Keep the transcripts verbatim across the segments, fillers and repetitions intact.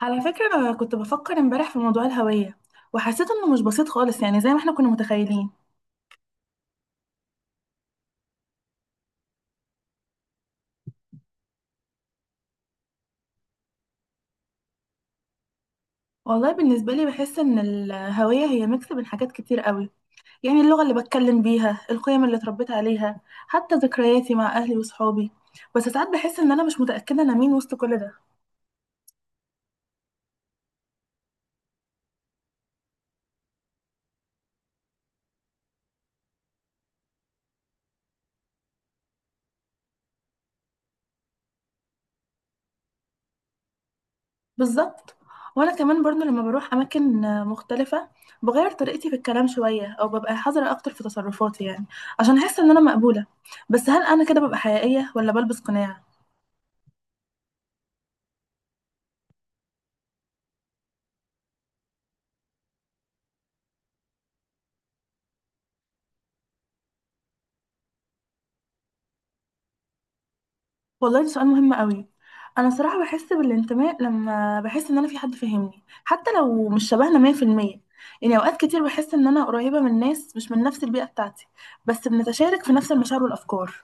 على فكرة، أنا كنت بفكر امبارح في موضوع الهوية وحسيت إنه مش بسيط خالص يعني زي ما احنا كنا متخيلين. والله بالنسبة لي بحس إن الهوية هي ميكس بين حاجات كتير قوي، يعني اللغة اللي بتكلم بيها، القيم اللي اتربيت عليها، حتى ذكرياتي مع أهلي وصحابي. بس ساعات بحس إن أنا مش متأكدة أنا مين وسط كل ده. بالظبط. وأنا كمان برضو لما بروح أماكن مختلفة بغير طريقتي في الكلام شوية أو ببقى حذرة أكتر في تصرفاتي يعني عشان أحس إن أنا مقبولة. بس هل أنا كده ببقى حقيقية ولا بلبس قناع؟ والله ده سؤال مهم قوي. انا صراحه بحس بالانتماء لما بحس ان انا في حد فاهمني حتى لو مش شبهنا مية بالمية. يعني اوقات كتير بحس ان انا قريبه من ناس مش من نفس البيئه بتاعتي، بس بنتشارك في نفس المشاعر والافكار.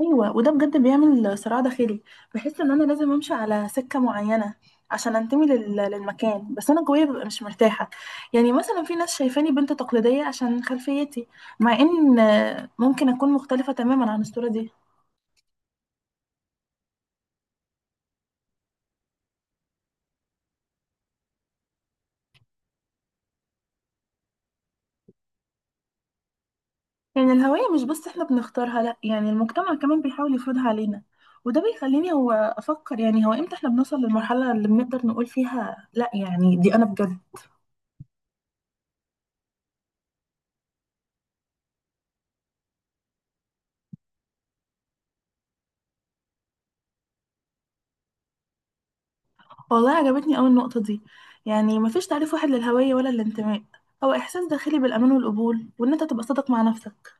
ايوه، وده بجد بيعمل صراع داخلي. بحس ان انا لازم امشي على سكه معينه عشان انتمي لل- للمكان، بس انا جوايا ببقى مش مرتاحه. يعني مثلا في ناس شايفاني بنت تقليديه عشان خلفيتي، مع ان آه، ممكن اكون مختلفه تماما عن الصوره دي. يعني الهوية مش بس احنا بنختارها، لا يعني المجتمع كمان بيحاول يفرضها علينا. وده بيخليني هو افكر، يعني هو امتى احنا بنوصل للمرحلة اللي بنقدر نقول فيها لا يعني دي انا بجد. والله عجبتني قوي النقطة دي. يعني مفيش تعريف واحد للهوية ولا الانتماء، هو احساس داخلي بالامان والقبول وان انت تبقى صادق مع نفسك.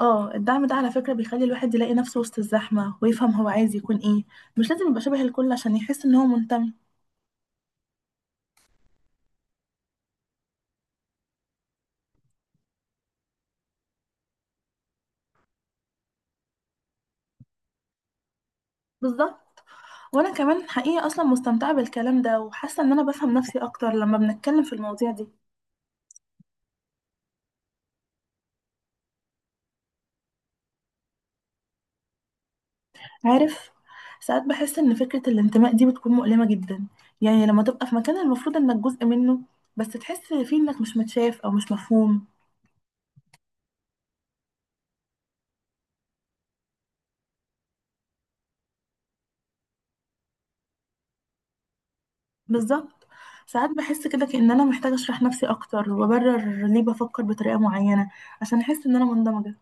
اه، الدعم ده على فكرة بيخلي الواحد يلاقي نفسه وسط الزحمة ويفهم هو عايز يكون ايه. مش لازم يبقى شبه الكل عشان يحس ان هو منتمي. بالظبط. وانا كمان حقيقة اصلا مستمتعة بالكلام ده وحاسة ان انا بفهم نفسي اكتر لما بنتكلم في المواضيع دي. عارف، ساعات بحس ان فكرة الانتماء دي بتكون مؤلمة جدا. يعني لما تبقى في مكان المفروض انك جزء منه بس تحس فيه انك مش متشاف او مش مفهوم. بالظبط، ساعات بحس كده كأن انا محتاجة اشرح نفسي اكتر وابرر ليه بفكر بطريقة معينة عشان احس ان انا مندمجة.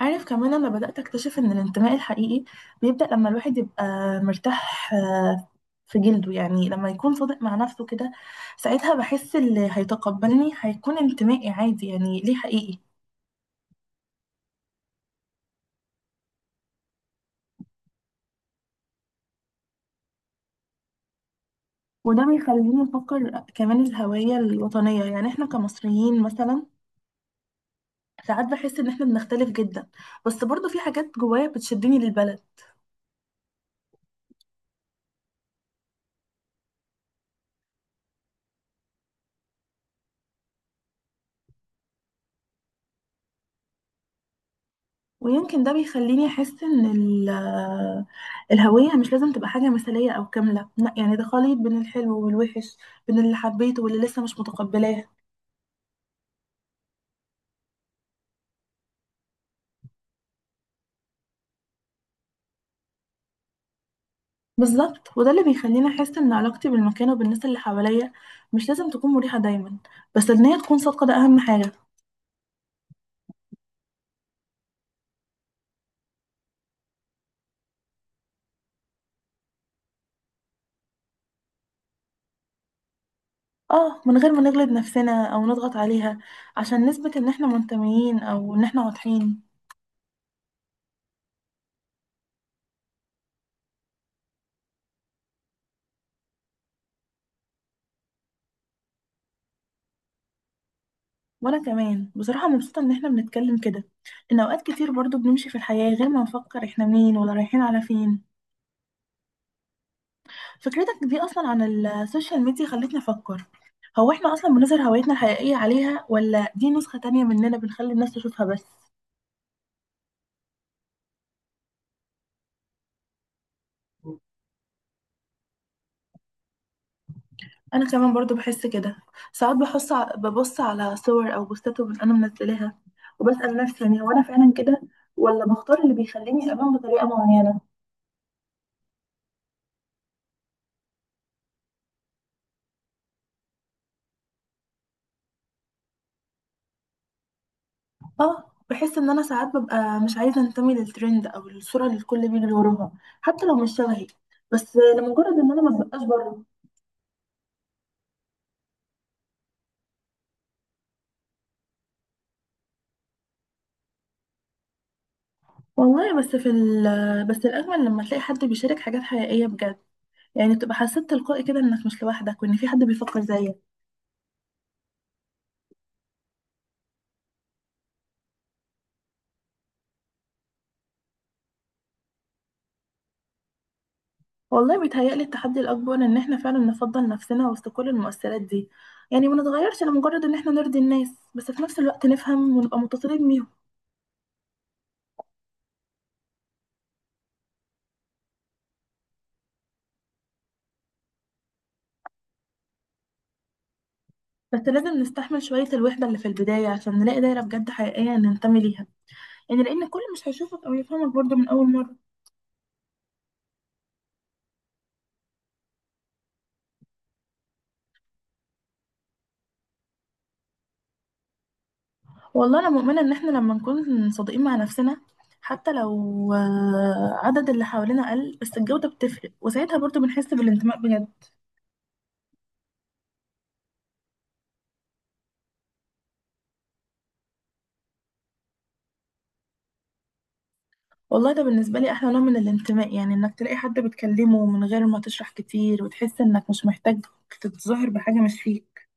عارف، كمان أنا بدأت أكتشف إن الانتماء الحقيقي بيبدأ لما الواحد يبقى مرتاح آه، في جلده، يعني لما يكون صادق مع نفسه كده. ساعتها بحس اللي هيتقبلني هيكون انتمائي عادي، يعني ليه حقيقي. وده بيخليني أفكر كمان الهوية الوطنية، يعني إحنا كمصريين مثلا، ساعات بحس إن إحنا بنختلف جدا، بس برضه في حاجات جوايا بتشدني للبلد. ويمكن ده بيخليني احس ان ال- الهويه مش لازم تبقى حاجه مثاليه او كامله، لا يعني ده خليط بين الحلو والوحش، بين اللي حبيته واللي لسه مش متقبلاه. بالظبط، وده اللي بيخليني احس ان علاقتي بالمكان وبالناس اللي حواليا مش لازم تكون مريحه دايما، بس ان هي تكون صادقه ده اهم حاجه. اه، من غير ما نجلد نفسنا او نضغط عليها عشان نثبت ان احنا منتميين او ان احنا واضحين. وانا كمان بصراحة مبسوطة ان احنا بنتكلم كده، ان اوقات كتير برضو بنمشي في الحياة غير ما نفكر احنا مين ولا رايحين على فين. فكرتك دي اصلا عن السوشيال ميديا خلتني افكر، هو احنا اصلا بنظهر هويتنا الحقيقية عليها ولا دي نسخة تانية مننا بنخلي الناس تشوفها بس؟ انا كمان برضو بحس كده. ساعات بحس ببص على صور او بوستات وب- انا منزلاها وبسأل نفسي، يعني هو انا فعلا كده ولا بختار اللي بيخليني ابان بطريقة معينة. اه، بحس ان انا ساعات ببقى مش عايزه انتمي للترند او للصوره اللي الكل بيجري وراها، حتى لو مش شبهي، بس لمجرد ان انا ما ببقاش بره. والله بس في ال بس الاجمل لما تلاقي حد بيشارك حاجات حقيقيه بجد، يعني تبقى حسيت تلقائي كده انك مش لوحدك وان في حد بيفكر زيك. والله بيتهيألي التحدي الاكبر ان احنا فعلا نفضل نفسنا وسط كل المؤثرات دي، يعني ما نتغيرش لمجرد ان احنا نرضي الناس، بس في نفس الوقت نفهم ونبقى متطلبين بيهم. بس لازم نستحمل شويه الوحده اللي في البدايه عشان نلاقي دايره بجد حقيقيه ننتمي ليها، يعني لان كل مش هيشوفك او يفهمك برضو من اول مره. والله انا مؤمنه ان احنا لما نكون صادقين مع نفسنا، حتى لو آه، عدد اللي حوالينا قل، بس الجوده بتفرق وساعتها برضو بنحس بالانتماء بجد. والله ده بالنسبه لي احلى نوع من الانتماء، يعني انك تلاقي حد بتكلمه من غير ما تشرح كتير وتحس انك مش محتاج تتظاهر بحاجه مش فيك.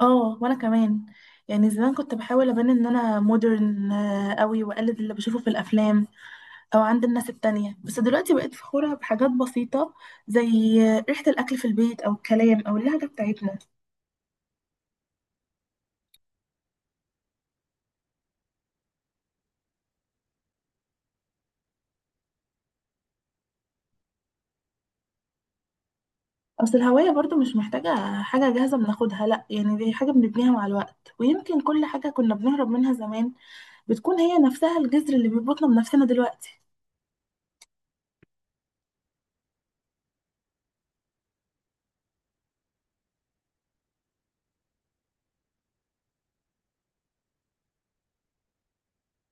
اه وانا كمان. يعني زمان كنت بحاول ابان ان انا مودرن قوي واقلد اللي بشوفه في الافلام او عند الناس التانية، بس دلوقتي بقيت فخورة بحاجات بسيطة، زي ريحة الاكل في البيت او الكلام او اللهجة بتاعتنا. اصل الهوية برضو مش محتاجة حاجة جاهزة بناخدها، لا يعني دي حاجة بنبنيها مع الوقت، ويمكن كل حاجة كنا بنهرب منها زمان بتكون هي نفسها الجذر اللي بيربطنا بنفسنا دلوقتي.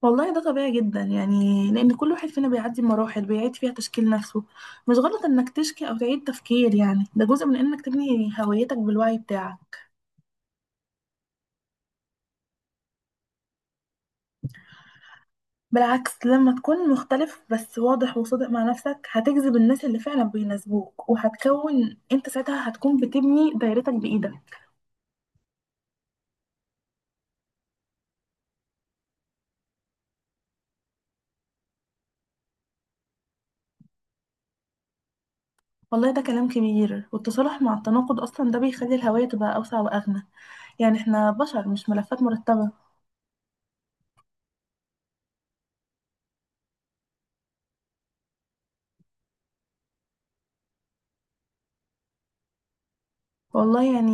والله ده طبيعي جدا، يعني لأن كل واحد فينا بيعدي مراحل بيعيد فيها تشكيل نفسه. مش غلط إنك تشكي أو تعيد تفكير، يعني ده جزء من إنك تبني هويتك بالوعي بتاعك. بالعكس لما تكون مختلف بس واضح وصادق مع نفسك هتجذب الناس اللي فعلا بيناسبوك، وهتكون انت ساعتها هتكون بتبني دايرتك بإيدك. والله ده كلام كبير، والتصالح مع التناقض أصلا ده بيخلي الهوية تبقى أوسع وأغنى، يعني احنا بشر مش ملفات مرتبة. والله يعني،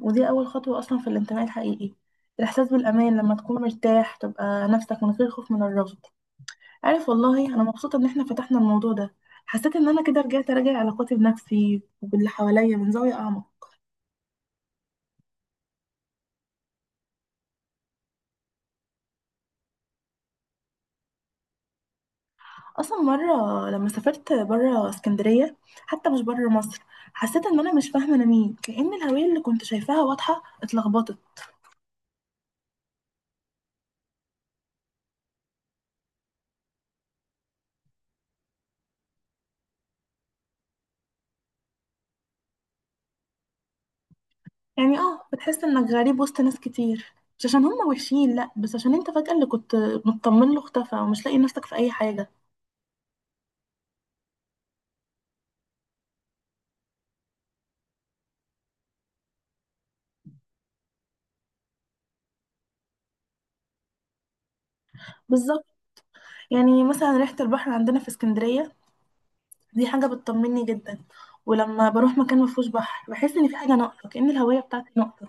ودي أول خطوة أصلا في الانتماء الحقيقي، الإحساس بالأمان لما تكون مرتاح تبقى نفسك من غير خوف من الرفض. عارف، والله انا مبسوطه ان احنا فتحنا الموضوع ده. حسيت ان انا كده رجعت اراجع علاقاتي بنفسي وباللي حواليا من زاويه اعمق. اصلا مره لما سافرت بره اسكندريه، حتى مش بره مصر، حسيت ان انا مش فاهمه انا مين، كأن الهويه اللي كنت شايفاها واضحه اتلخبطت. يعني اه بتحس انك غريب وسط ناس كتير، مش عشان هم وحشين لا، بس عشان انت فجأة اللي كنت مطمن له اختفى ومش لاقي نفسك في اي حاجه. بالظبط. يعني مثلا ريحه البحر عندنا في اسكندريه دي حاجة بتطمني جدا، ولما بروح مكان مفهوش بحر بحس ان في حاجة ناقصة، كأن الهوية بتاعتي ناقصة.